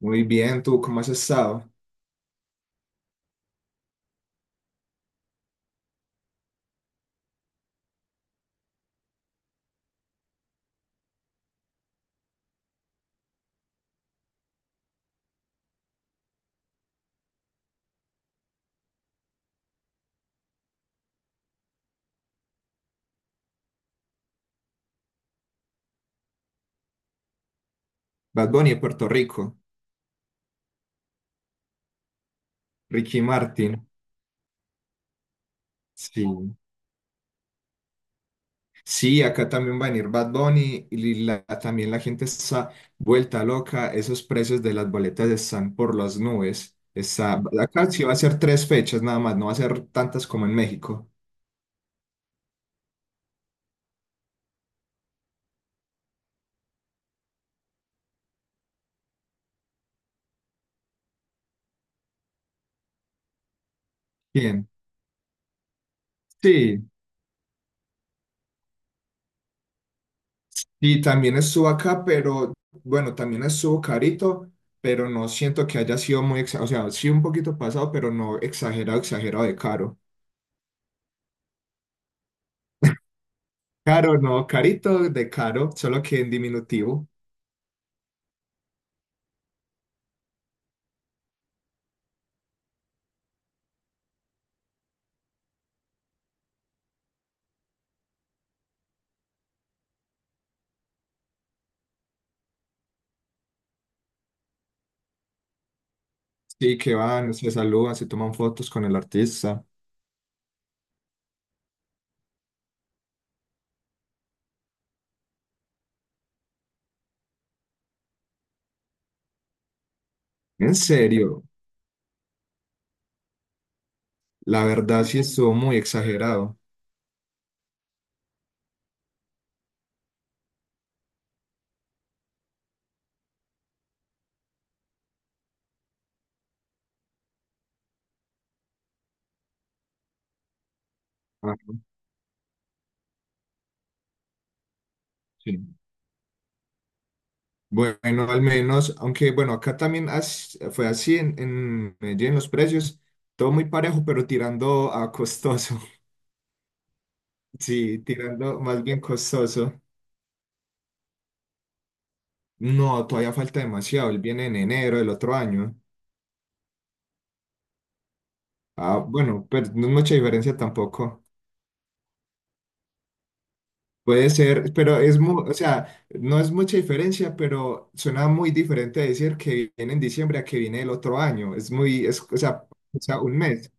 Muy bien, ¿tú cómo has estado? Bad Bunny de Puerto Rico, Ricky Martin. Sí, sí, acá también va a venir Bad Bunny y también la gente está vuelta loca. Esos precios de las boletas están por las nubes. Acá sí va a ser tres fechas nada más, no va a ser tantas como en México. Bien, sí, y también estuvo acá, pero bueno, también estuvo carito, pero no siento que haya sido muy, o sea, sí un poquito pasado, pero no exagerado, exagerado de caro. Caro, no, carito de caro, solo que en diminutivo. Sí, que van, se saludan, se toman fotos con el artista. En serio, la verdad sí estuvo muy exagerado. Ajá, sí. Bueno, al menos, aunque bueno, acá también fue así en Medellín, los precios, todo muy parejo, pero tirando a costoso. Sí, tirando más bien costoso. No, todavía falta demasiado, él viene en enero del otro año. Ah, bueno, pero no es mucha diferencia tampoco. Puede ser, pero es o sea, no es mucha diferencia, pero suena muy diferente decir que viene en diciembre a que viene el otro año. Es muy, es, o sea, un mes,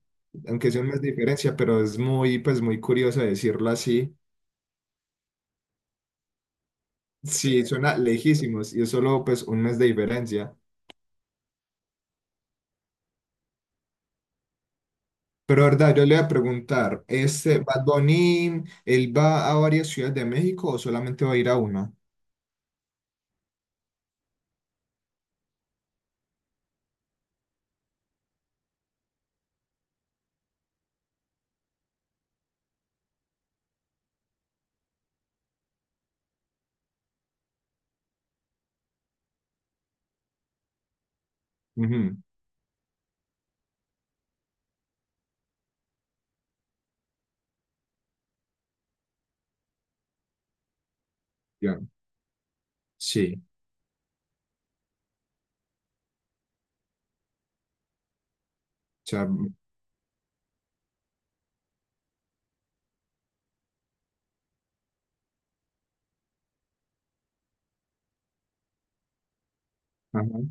aunque sea un mes de diferencia, pero es muy, pues muy curioso decirlo así. Sí, suena lejísimos y es solo pues un mes de diferencia. Pero verdad, yo le voy a preguntar, ¿este Bad Bunny, él va a varias ciudades de México o solamente va a ir a una? Ujú, ya, sí, o sea, ajá.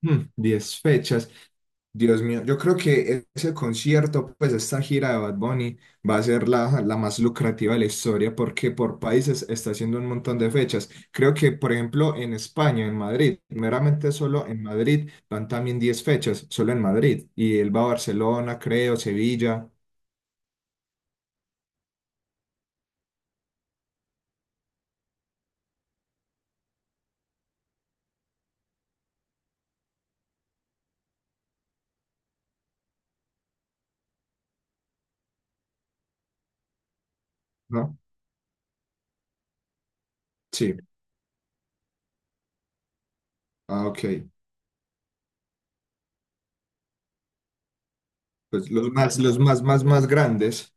Mm, 10 fechas. Dios mío, yo creo que ese concierto, pues esta gira de Bad Bunny va a ser la más lucrativa de la historia porque por países está haciendo un montón de fechas. Creo que, por ejemplo, en España, en Madrid, meramente solo en Madrid van también 10 fechas, solo en Madrid. Y él va a Barcelona, creo, Sevilla, ¿no? Sí, ah, ok. Pues los más, más, más grandes.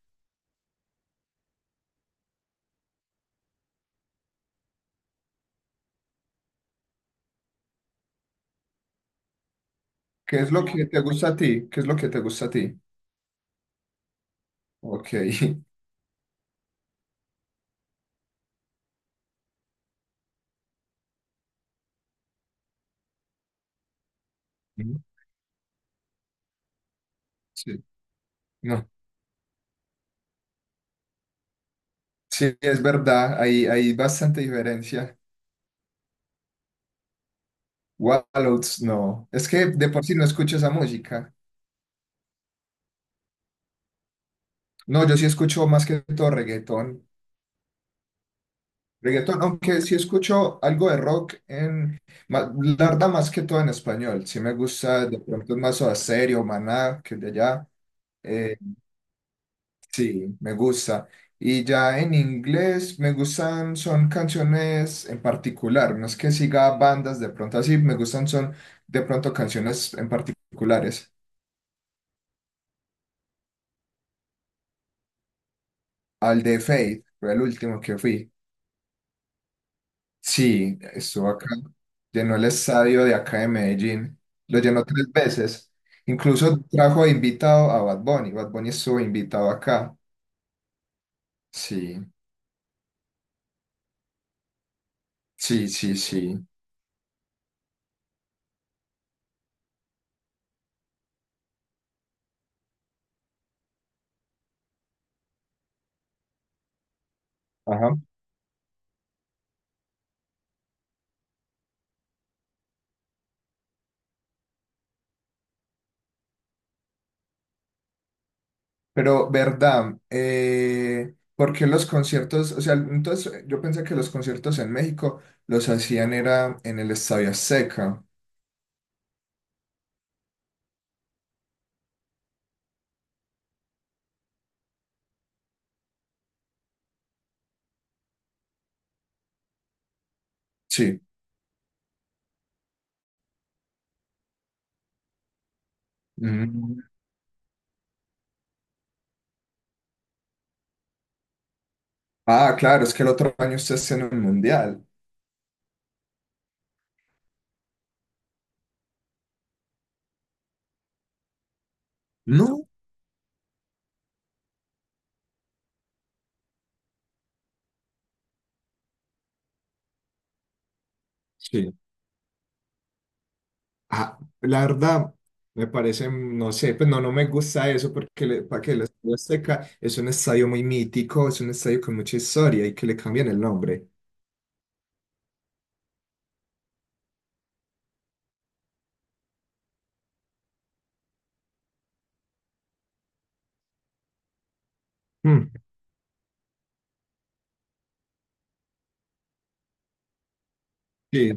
¿Qué es lo que te gusta a ti? ¿Qué es lo que te gusta a ti? Ok. Sí. No. Sí, es verdad, hay bastante diferencia. Wallows, no. Es que de por sí no escucho esa música. No, yo sí escucho más que todo reggaetón. Reggaetón, aunque sí escucho algo de rock en... La verdad, más que todo en español. Sí me gusta, de pronto más Soda Stereo, Maná, que de allá. Eh, sí, me gusta. Y ya en inglés me gustan, son canciones en particular. No es que siga bandas, de pronto así, me gustan, son de pronto canciones en particulares. Al de Fate, fue el último que fui. Sí, estuvo acá. Llenó el estadio de acá de Medellín. Lo llenó tres veces. Incluso trajo de invitado a Bad Bunny. Bad Bunny estuvo invitado acá. Sí, sí, sí, sí. Ajá. Pero, ¿verdad? ¿Por qué los conciertos? O sea, entonces yo pensé que los conciertos en México los hacían era en el Estadio Azteca. Sí. Mm. Ah, claro, es que el otro año ustedes tienen el mundial. No. Sí. Ah, la verdad, me parece, no sé, pues no, no me gusta eso porque para que el Estadio Azteca es un estadio muy mítico, es un estadio con mucha historia y que le cambien el nombre. Mm, sí,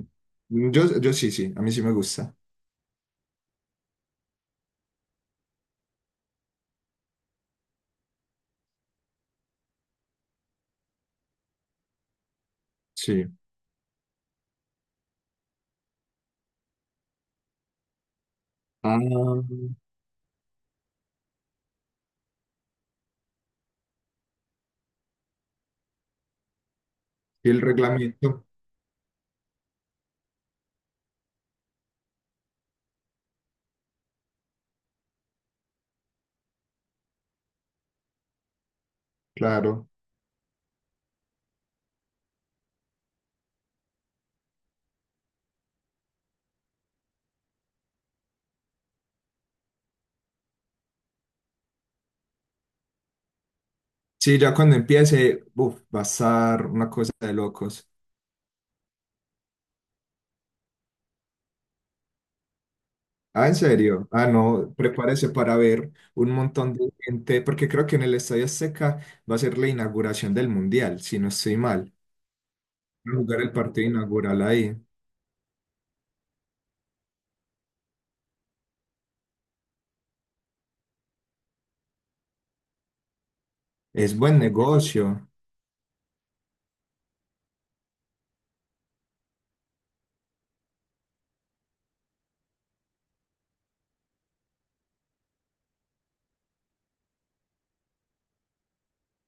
mm, yo sí, sí, a mí sí me gusta. Sí. Ah, y el reglamento, claro. Sí, ya cuando empiece, uf, va a estar una cosa de locos. Ah, ¿en serio? Ah, no, prepárese para ver un montón de gente, porque creo que en el Estadio Azteca va a ser la inauguración del Mundial, si no estoy mal. A jugar el partido inaugural ahí. Es buen negocio.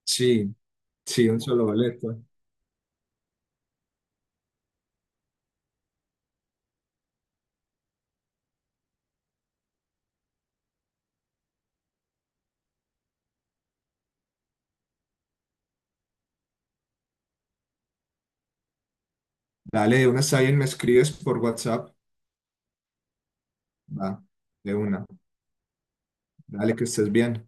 Sí, sí, un solo boleto. Dale, de una está bien, me escribes por WhatsApp. Va, de una. Dale, que estés bien.